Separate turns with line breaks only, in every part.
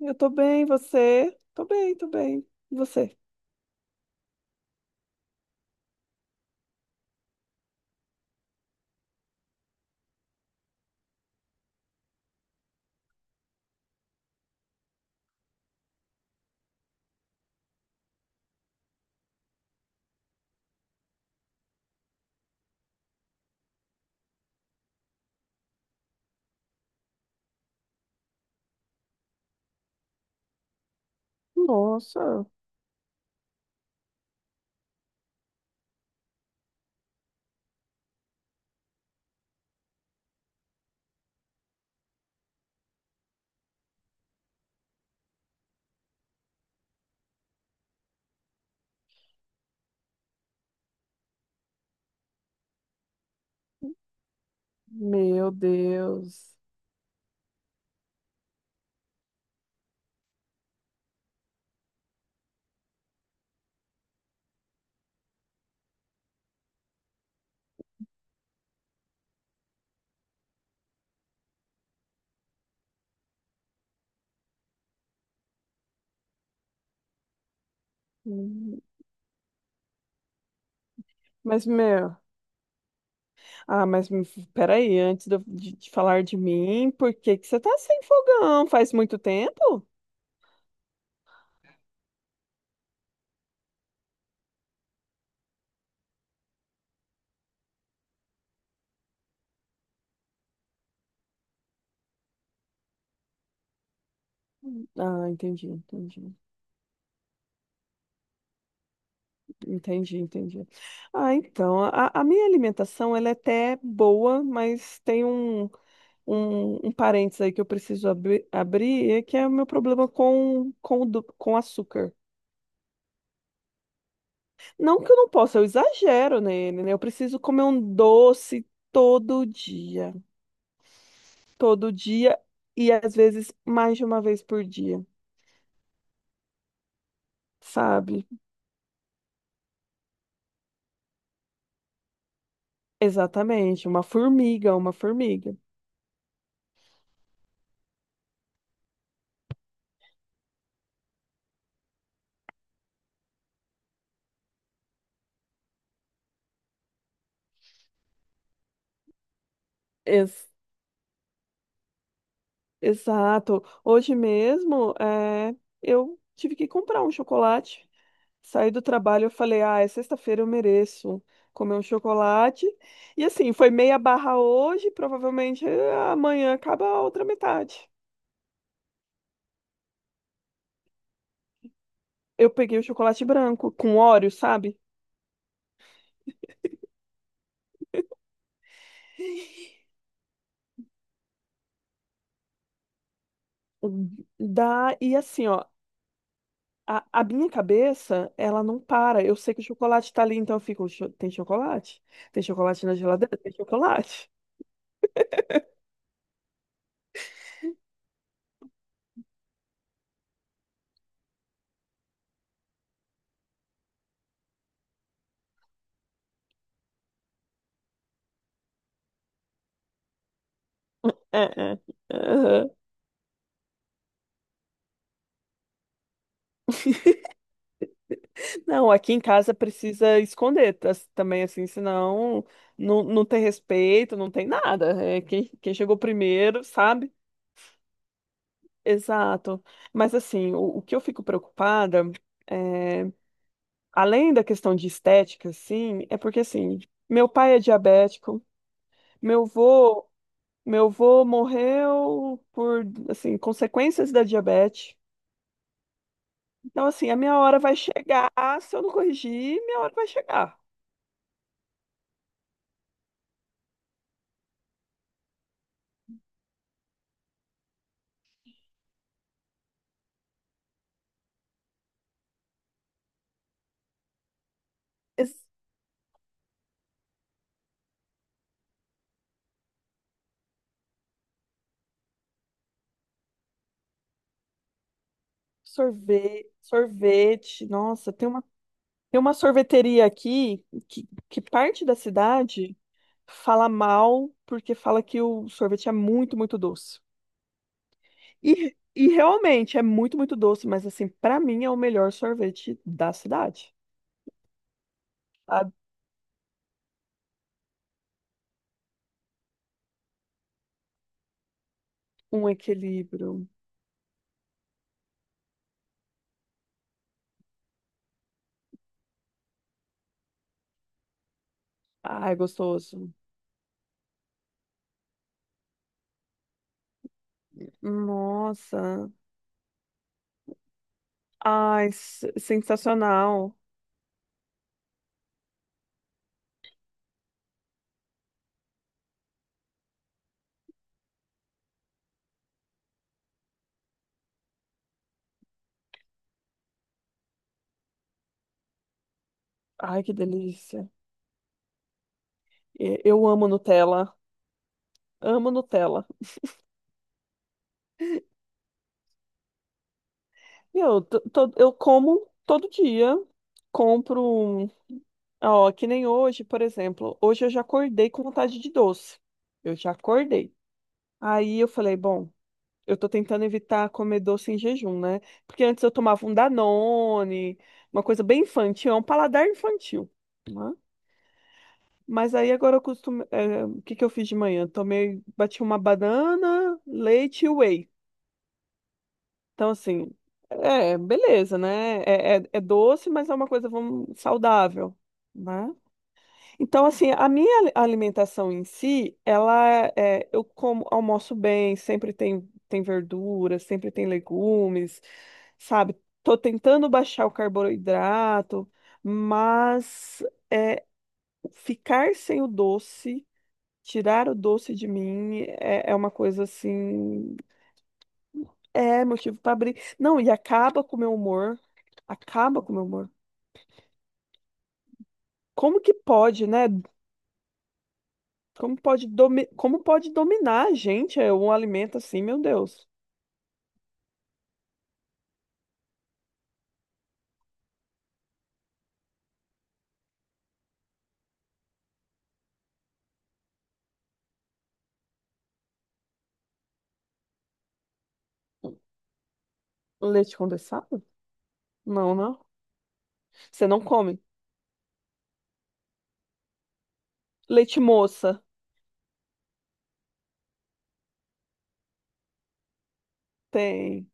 Eu tô bem, você? Tô bem, tô bem. E você? Nossa, meu Deus. Hum. Mas, meu, Ah, mas me- Peraí, antes de, de falar de mim, por que que você tá sem fogão? Faz muito tempo? Ah, entendi, entendi. Entendi, entendi. Ah, então, a minha alimentação, ela é até boa, mas tem um um parênteses aí que eu preciso abrir, é que é o meu problema com açúcar. Não que eu não possa, eu exagero nele, né? Eu preciso comer um doce todo dia. Todo dia e às vezes mais de uma vez por dia, sabe? Exatamente, uma formiga, uma formiga. Ex- Exato. Hoje mesmo, eu tive que comprar um chocolate. Saí do trabalho, eu falei, ah, é sexta-feira, eu mereço comer um chocolate. E assim, foi meia barra hoje, provavelmente amanhã acaba a outra metade. Eu peguei o chocolate branco com Oreo, sabe? Dá, e assim, ó, a minha cabeça, ela não para. Eu sei que o chocolate tá ali, então eu fico: Tem chocolate? Tem chocolate na geladeira? Tem chocolate?" É, é. Não, aqui em casa precisa esconder também, assim, senão não tem respeito, não tem nada. É quem chegou primeiro, sabe? Exato. Mas, assim, o que eu fico preocupada, é, além da questão de estética, assim, é porque, assim, meu pai é diabético, meu vô, meu vô morreu por, assim, consequências da diabetes. Então, assim, a minha hora vai chegar, se eu não corrigir, minha hora vai chegar. Sorvete, sorvete. Nossa, tem uma sorveteria aqui que parte da cidade fala mal porque fala que o sorvete é muito, muito doce. E realmente é muito, muito doce, mas assim, pra mim é o melhor sorvete da cidade. Sabe? Um equilíbrio. Ai, gostoso. Nossa. Ai, sensacional. Ai, que delícia. Eu amo Nutella. Amo Nutella. Eu, eu como todo dia, compro, ó, que nem hoje, por exemplo. Hoje eu já acordei com vontade de doce. Eu já acordei. Aí eu falei, bom, eu tô tentando evitar comer doce em jejum, né? Porque antes eu tomava um Danone, uma coisa bem infantil, é um paladar infantil, né? Mas aí agora eu costumo, é, o que que eu fiz de manhã? Tomei, bati uma banana, leite e whey. Então, assim, é, beleza, né? É doce, mas é uma coisa, vamos, saudável, né? Então, assim, a minha alimentação em si, ela é, eu como, almoço bem, sempre tem, tem verdura, sempre tem legumes, sabe? Tô tentando baixar o carboidrato, mas é, ficar sem o doce, tirar o doce de mim, é, é uma coisa assim. É motivo pra abrir. Não, e acaba com o meu humor. Acaba com o meu humor. Como que pode, né? Como pode, domi... Como pode dominar a gente é, um alimento assim, meu Deus? Leite condensado? Não, não. Você não come. Leite moça? Tem.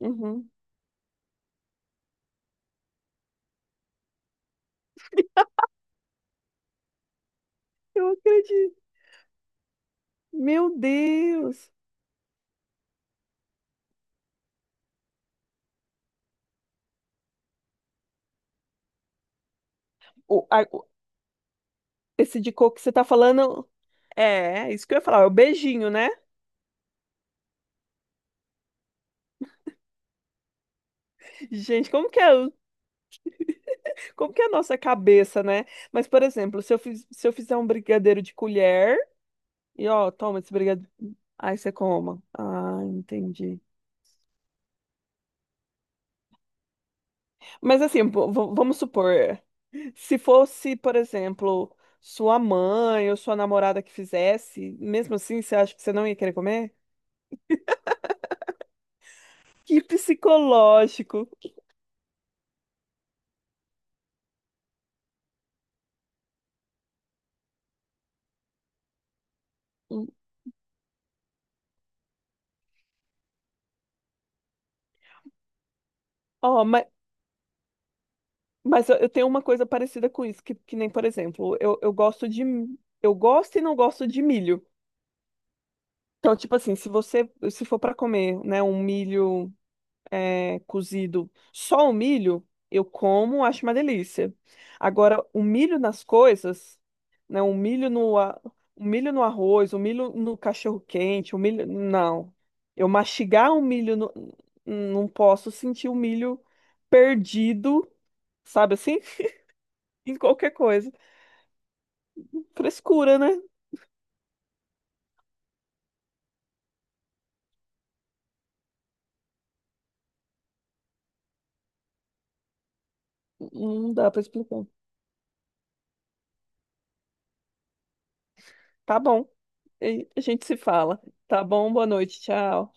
Uhum. Eu acredito. Meu Deus. O, a- o- Esse de coco que você tá falando. É, é isso que eu ia falar, é o beijinho, né? Gente, como que é, como que é a nossa cabeça, né? Mas, por exemplo, se eu, se eu fizer um brigadeiro de colher. E ó, toma esse brigadeiro. Aí você coma. Ah, entendi. Mas assim, vamos supor, se fosse, por exemplo, sua mãe ou sua namorada que fizesse, mesmo assim, você acha que você não ia querer comer? Que psicológico. Hum. Ó, mas eu tenho uma coisa parecida com isso, que nem, por exemplo, eu gosto de. Eu gosto e não gosto de milho. Então, tipo assim, se você, se for para comer, né, um milho. É, cozido só o milho, eu como, acho uma delícia. Agora, o milho nas coisas, né? O milho no, o milho no arroz, o milho no cachorro-quente, o milho. Não. Eu mastigar o milho, não posso sentir o milho perdido, sabe assim? Em qualquer coisa. Frescura, né? Não dá pra explicar. Tá bom. E a gente se fala. Tá bom, boa noite, tchau.